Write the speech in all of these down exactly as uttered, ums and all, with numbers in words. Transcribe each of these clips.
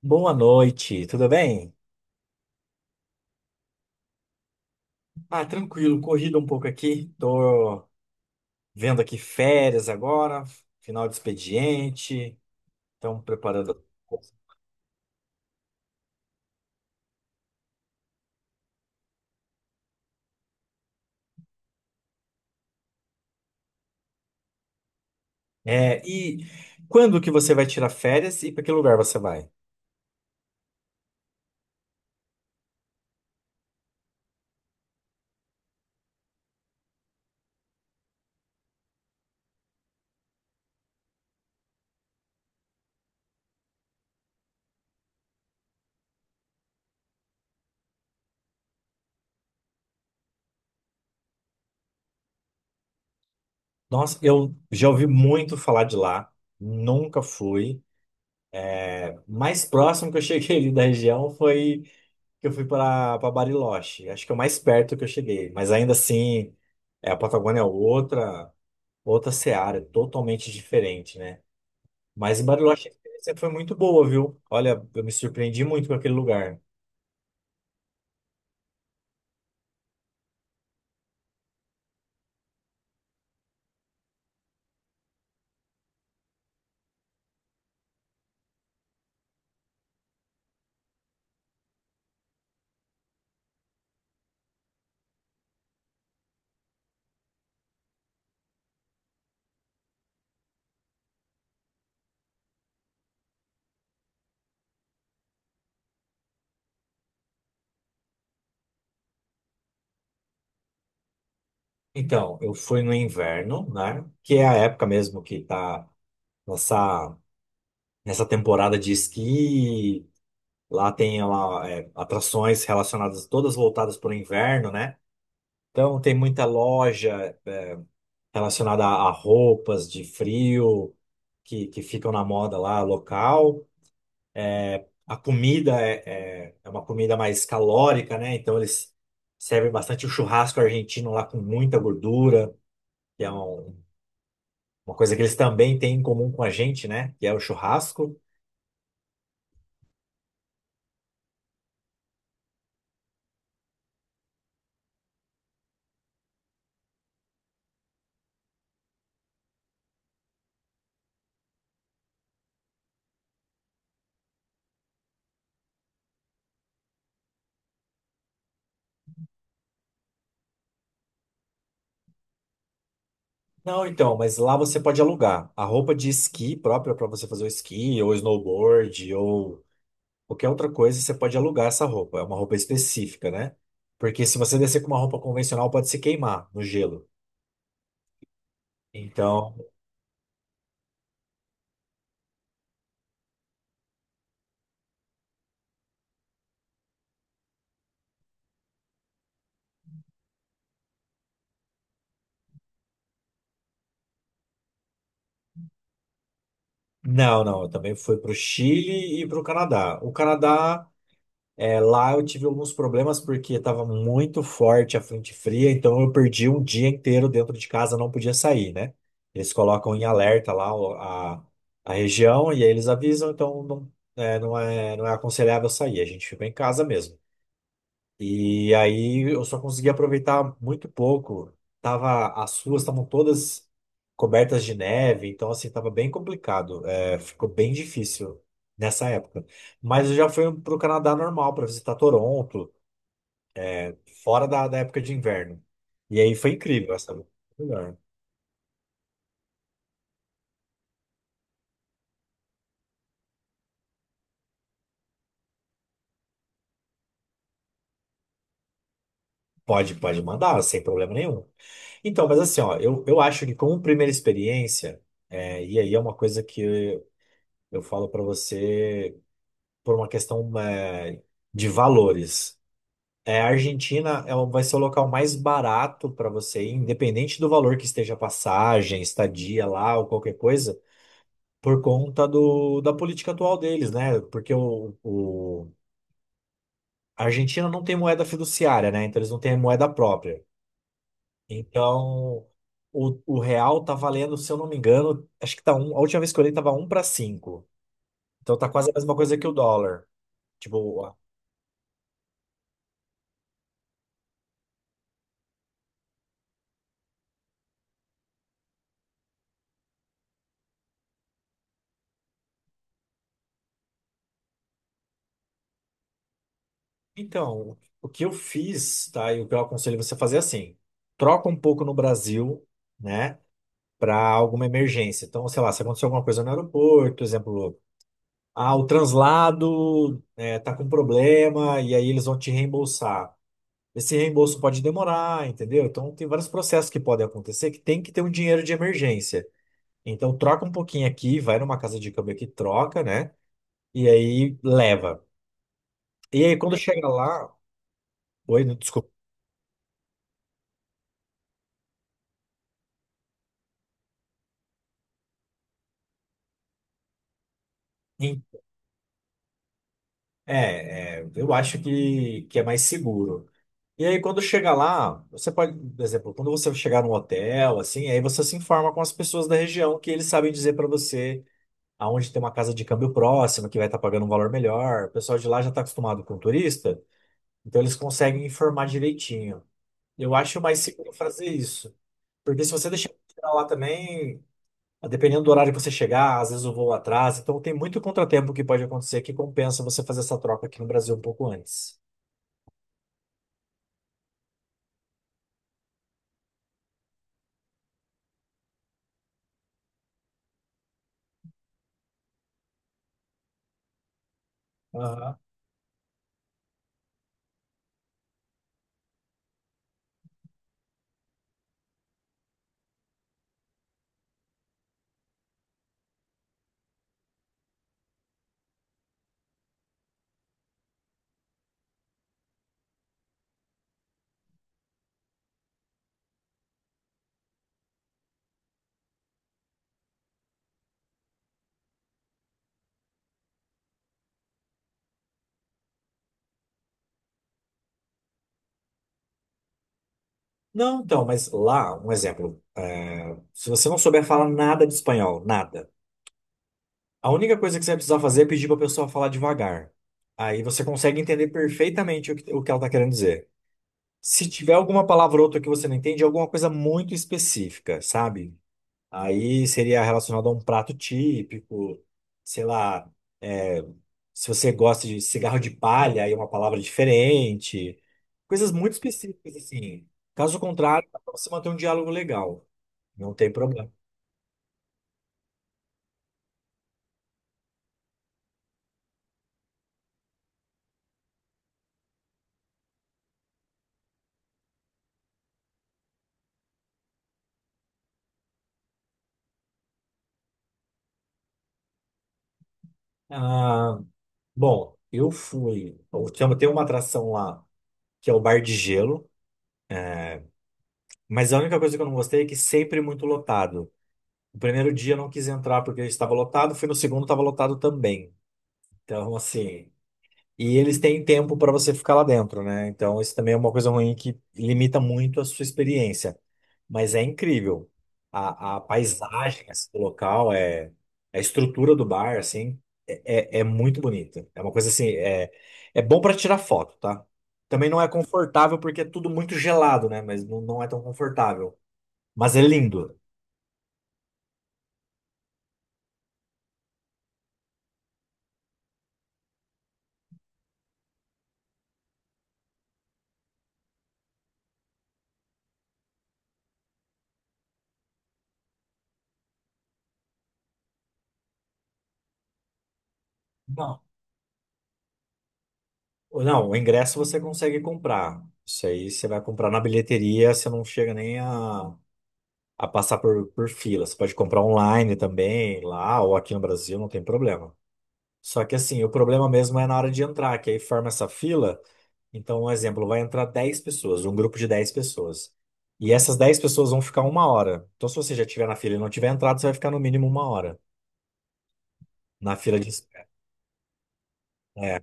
Boa noite, tudo bem? Ah, tranquilo, corrido um pouco aqui. Tô vendo aqui férias agora, final de expediente, então preparando. É, e quando que você vai tirar férias e para que lugar você vai? Nossa, eu já ouvi muito falar de lá, nunca fui. Mais próximo que eu cheguei ali da região foi que eu fui para para Bariloche. Acho que é o mais perto que eu cheguei, mas ainda assim, é, a Patagônia é outra, outra seara, totalmente diferente, né? Mas em Bariloche a experiência foi muito boa, viu? Olha, eu me surpreendi muito com aquele lugar. Então, eu fui no inverno, né? Que é a época mesmo que tá nessa, nessa temporada de esqui. Lá tem lá, é, atrações relacionadas, todas voltadas para o inverno, né? Então, tem muita loja relacionada a a roupas de frio que, que ficam na moda lá local. A comida é, é, é uma comida mais calórica, né? Então eles servem bastante o churrasco argentino lá com muita gordura, que é um- uma coisa que eles também têm em comum com a gente, né? Que é o churrasco. Não, então, mas lá você pode alugar a roupa de esqui própria para você fazer o esqui, ou snowboard, ou qualquer outra coisa, você pode alugar essa roupa. É uma roupa específica, né? Porque se você descer com uma roupa convencional, pode se queimar no gelo. Então. Não, não, eu também fui para o Chile e para o Canadá. O Canadá, é, lá eu tive alguns problemas porque estava muito forte a frente fria, então eu perdi um dia inteiro dentro de casa, não podia sair, né? Eles colocam em alerta lá o- a, a região e aí eles avisam, então não é, não é, não é aconselhável sair, a gente ficou em casa mesmo. E aí eu só consegui aproveitar muito pouco. Tava, as ruas estavam todas cobertas de neve, então assim, tava bem complicado. É, ficou bem difícil nessa época. Mas eu já fui pro Canadá normal para visitar Toronto, fora da, da época de inverno. E aí foi incrível essa melhor. Pode, pode mandar, sem problema nenhum. Então, mas assim, ó, eu, eu acho que como primeira experiência, é, e aí é uma coisa que eu falo para você, por uma questão é, de valores. É, a Argentina é, o- vai ser o local mais barato para você ir, independente do valor que esteja a passagem, estadia lá ou qualquer coisa, por conta do, da política atual deles, né? Porque o, o- a Argentina não tem moeda fiduciária, né? Então eles não têm moeda própria. Então o, o real tá valendo, se eu não me engano, acho que tá um, a última vez que eu olhei tava um para cinco. Então tá quase a mesma coisa que o dólar. Tipo. Então, o que eu fiz, tá? E o que eu aconselho você a fazer é assim: troca um pouco no Brasil, né? Para alguma emergência. Então, sei lá, se aconteceu alguma coisa no aeroporto, exemplo, ah, o translado é, tá com problema e aí eles vão te reembolsar. Esse reembolso pode demorar, entendeu? Então, tem vários processos que podem acontecer que tem que ter um dinheiro de emergência. Então, troca um pouquinho aqui, vai numa casa de câmbio aqui, troca, né? E aí leva. E aí, quando É, chega lá. Oi, desculpa. É, é, eu acho que, que é mais seguro. E aí, quando chega lá, você pode, por exemplo, quando você chegar num hotel, assim, aí você se informa com as pessoas da região que eles sabem dizer para você aonde tem uma casa de câmbio próxima, que vai estar pagando um valor melhor. O pessoal de lá já está acostumado com turista, então eles conseguem informar direitinho. Eu acho mais seguro fazer isso. Porque se você deixar pra lá também, dependendo do horário que você chegar, às vezes o voo atrasa, então tem muito contratempo que pode acontecer que compensa você fazer essa troca aqui no Brasil um pouco antes. Aham. Não, então, mas lá, um exemplo, é, se você não souber falar nada de espanhol, nada, a única coisa que você vai precisar fazer é pedir para a pessoa falar devagar. Aí você consegue entender perfeitamente o que, o que ela está querendo dizer. Se tiver alguma palavra ou outra que você não entende, é alguma coisa muito específica, sabe? Aí seria relacionado a um prato típico, sei lá, é, se você gosta de cigarro de palha, aí é uma palavra diferente. Coisas muito específicas, assim. Caso contrário, dá pra você manter um diálogo legal. Não tem problema. Ah, bom, eu fui. Eu tinha- tem uma atração lá, que é o Bar de Gelo. Mas a única coisa que eu não gostei é que sempre é muito lotado. O primeiro dia eu não quis entrar porque estava lotado, fui no segundo, estava lotado também. Então, assim. E eles têm tempo para você ficar lá dentro, né? Então, isso também é uma coisa ruim que limita muito a sua experiência. Mas é incrível. A, a paisagem, assim, do local, é, a estrutura do bar, assim, é, é, é muito bonita. É uma coisa assim, é, é bom para tirar foto, tá? Também não é confortável porque é tudo muito gelado, né? Mas não, não é tão confortável. Mas é lindo. Não. Não, o ingresso você consegue comprar. Isso aí você vai comprar na bilheteria, você não chega nem a, a passar por, por fila. Você pode comprar online também, lá ou aqui no Brasil, não tem problema. Só que assim, o problema mesmo é na hora de entrar, que aí forma essa fila. Então, um exemplo, vai entrar dez pessoas, um grupo de dez pessoas. E essas dez pessoas vão ficar uma hora. Então, se você já estiver na fila e não tiver entrado, você vai ficar no mínimo uma hora na fila de espera. É,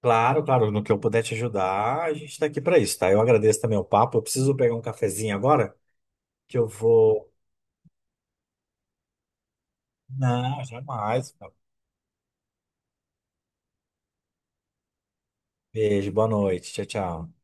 claro, claro, no que eu puder te ajudar, a gente tá aqui para isso, tá? Eu agradeço também o papo. Eu preciso pegar um cafezinho agora, que eu vou. Não, jamais. Beijo, boa noite. Tchau, tchau.